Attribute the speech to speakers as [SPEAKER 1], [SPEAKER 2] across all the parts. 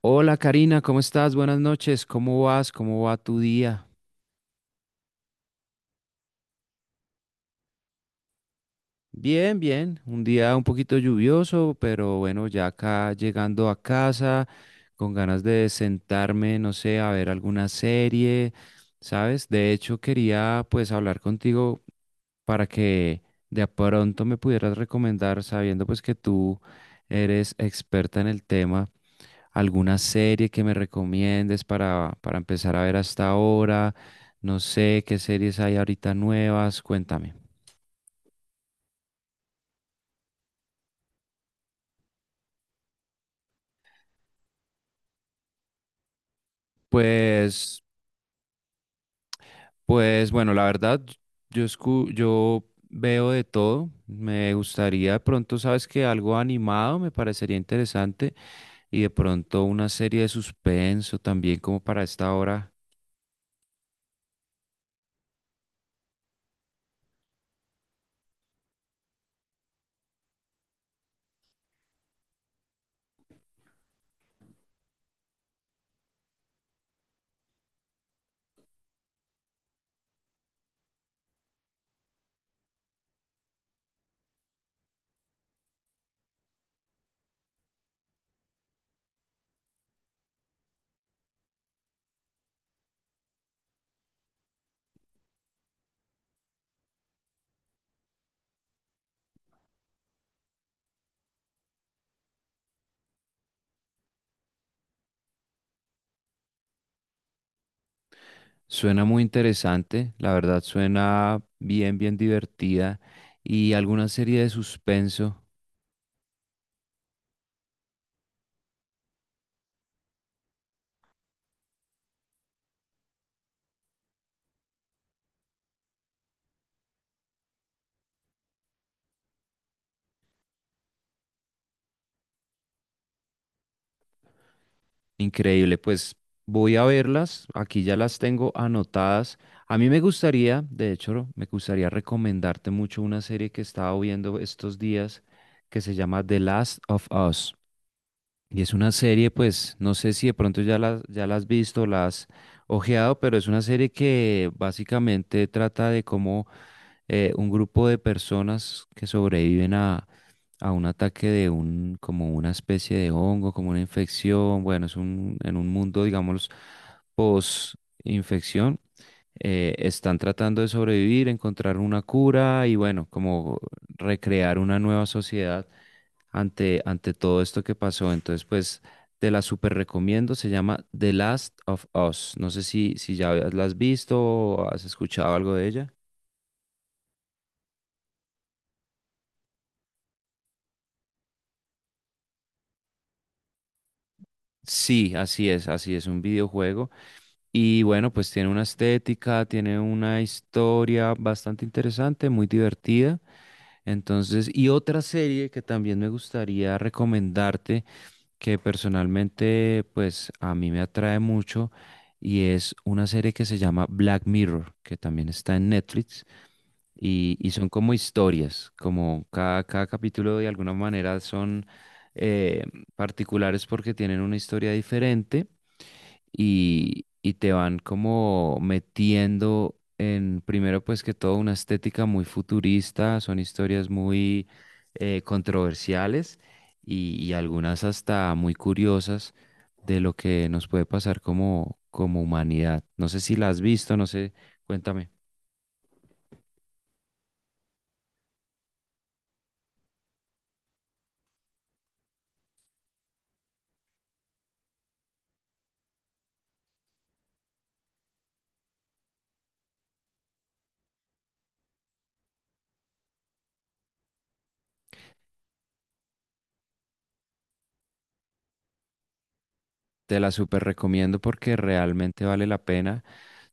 [SPEAKER 1] Hola, Karina, ¿cómo estás? Buenas noches, ¿cómo vas? ¿Cómo va tu día? Bien, bien, un día un poquito lluvioso, pero bueno, ya acá llegando a casa, con ganas de sentarme, no sé, a ver alguna serie, ¿sabes? De hecho, quería pues hablar contigo para que de pronto me pudieras recomendar, sabiendo pues que tú eres experta en el tema. Alguna serie que me recomiendes para empezar a ver hasta ahora. No sé qué series hay ahorita nuevas, cuéntame. Pues, pues bueno, la verdad, yo veo de todo. Me gustaría de pronto, sabes que algo animado me parecería interesante y de pronto una serie de suspenso también como para esta hora. Suena muy interesante, la verdad suena bien, bien divertida y alguna serie de suspenso. Increíble, pues voy a verlas, aquí ya las tengo anotadas. A mí me gustaría, de hecho, me gustaría recomendarte mucho una serie que estaba viendo estos días que se llama The Last of Us. Y es una serie, pues, no sé si de pronto ya la has visto, la has ojeado, pero es una serie que básicamente trata de cómo un grupo de personas que sobreviven a un ataque de un, como una especie de hongo, como una infección, bueno, es un, en un mundo, digamos, post-infección, están tratando de sobrevivir, encontrar una cura y bueno, como recrear una nueva sociedad ante todo esto que pasó. Entonces, pues… Te la super recomiendo, se llama The Last of Us. No sé si ya la has visto o has escuchado algo de ella. Sí, así es un videojuego. Y bueno, pues tiene una estética, tiene una historia bastante interesante, muy divertida. Entonces, y otra serie que también me gustaría recomendarte, que personalmente, pues a mí me atrae mucho, y es una serie que se llama Black Mirror, que también está en Netflix, y son como historias, como cada capítulo de alguna manera son eh, particulares porque tienen una historia diferente y te van como metiendo en, primero pues que todo, una estética muy futurista, son historias muy controversiales y algunas hasta muy curiosas de lo que nos puede pasar como, como humanidad. No sé si la has visto, no sé, cuéntame. Te la súper recomiendo porque realmente vale la pena,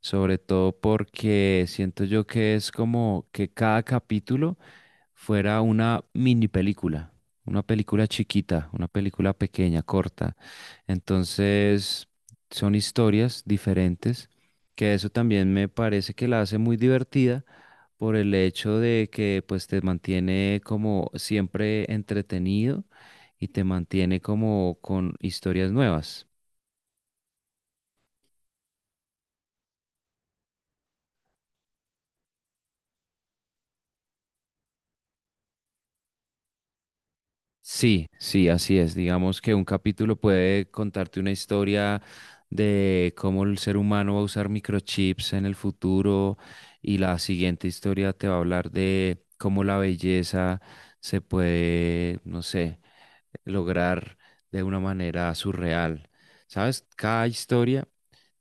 [SPEAKER 1] sobre todo porque siento yo que es como que cada capítulo fuera una mini película, una película chiquita, una película pequeña, corta. Entonces, son historias diferentes, que eso también me parece que la hace muy divertida por el hecho de que pues te mantiene como siempre entretenido y te mantiene como con historias nuevas. Sí, sí, así es. Digamos que un capítulo puede contarte una historia de cómo el ser humano va a usar microchips en el futuro y la siguiente historia te va a hablar de cómo la belleza se puede, no sé, lograr de una manera surreal. ¿Sabes? Cada historia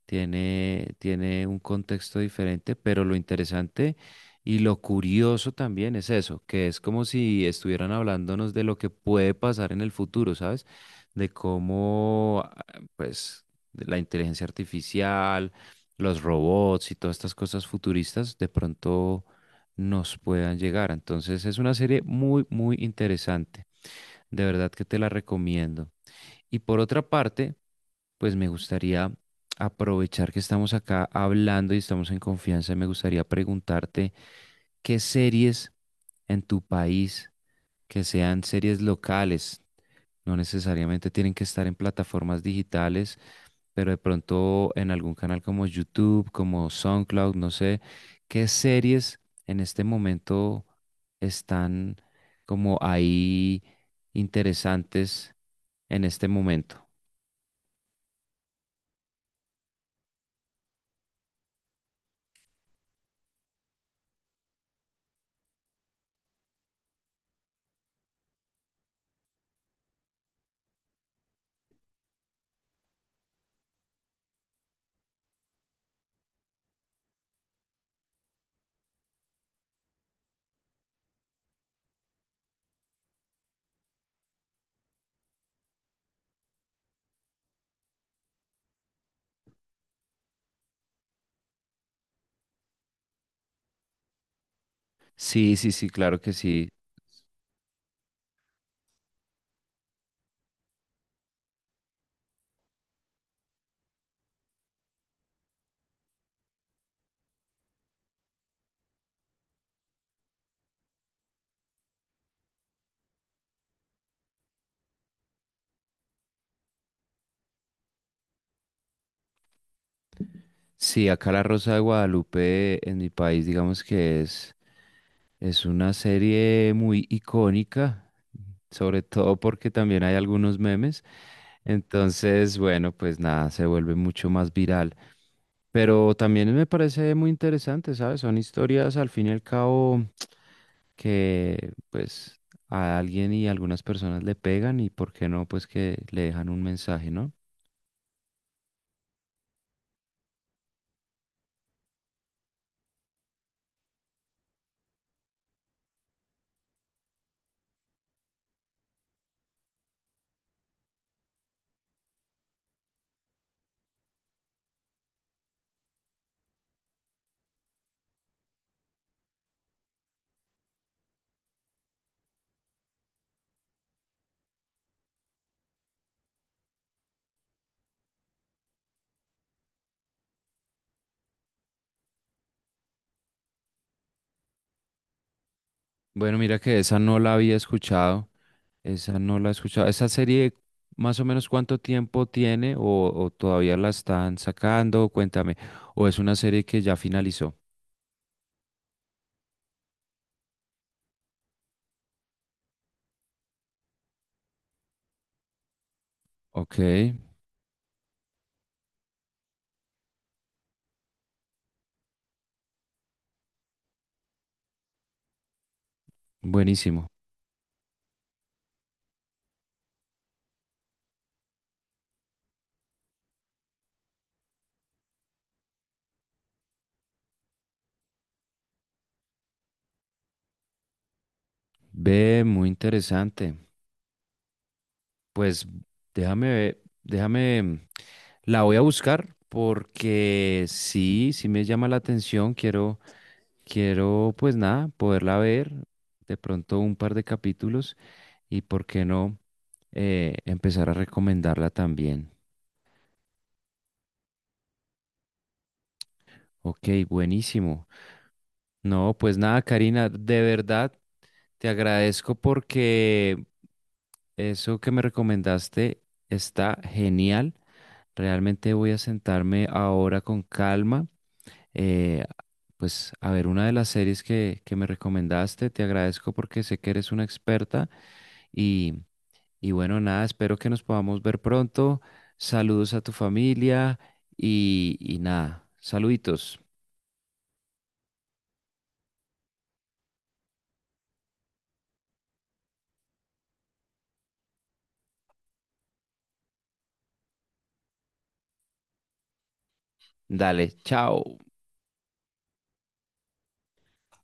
[SPEAKER 1] tiene, tiene un contexto diferente, pero lo interesante y lo curioso también es eso, que es como si estuvieran hablándonos de lo que puede pasar en el futuro, ¿sabes? De cómo, ah, pues, de la inteligencia artificial, los robots y todas estas cosas futuristas de pronto nos puedan llegar. Entonces es una serie muy, muy interesante. De verdad que te la recomiendo. Y por otra parte, pues me gustaría aprovechar que estamos acá hablando y estamos en confianza, me gustaría preguntarte qué series en tu país, que sean series locales, no necesariamente tienen que estar en plataformas digitales, pero de pronto en algún canal como YouTube, como SoundCloud, no sé, qué series en este momento están como ahí interesantes en este momento. Sí, sí, sí, claro que sí. Sí, acá La Rosa de Guadalupe en mi país, digamos que es una serie muy icónica, sobre todo porque también hay algunos memes. Entonces, bueno, pues nada, se vuelve mucho más viral. Pero también me parece muy interesante, ¿sabes? Son historias al fin y al cabo que pues a alguien y algunas personas le pegan y por qué no, pues que le dejan un mensaje, ¿no? Bueno, mira que esa no la había escuchado. Esa no la he escuchado. ¿Esa serie más o menos cuánto tiempo tiene o todavía la están sacando? Cuéntame. ¿O es una serie que ya finalizó? Ok, buenísimo. Ve, muy interesante. Pues déjame ver, déjame, la voy a buscar porque sí, sí me llama la atención. Quiero, pues nada, poderla ver. De pronto un par de capítulos y por qué no empezar a recomendarla también. Ok, buenísimo. No, pues nada, Karina, de verdad te agradezco porque eso que me recomendaste está genial. Realmente voy a sentarme ahora con calma, eh, pues a ver una de las series que me recomendaste. Te agradezco porque sé que eres una experta y, y bueno, nada, espero que nos podamos ver pronto. Saludos a tu familia y nada, saluditos. Dale, chao.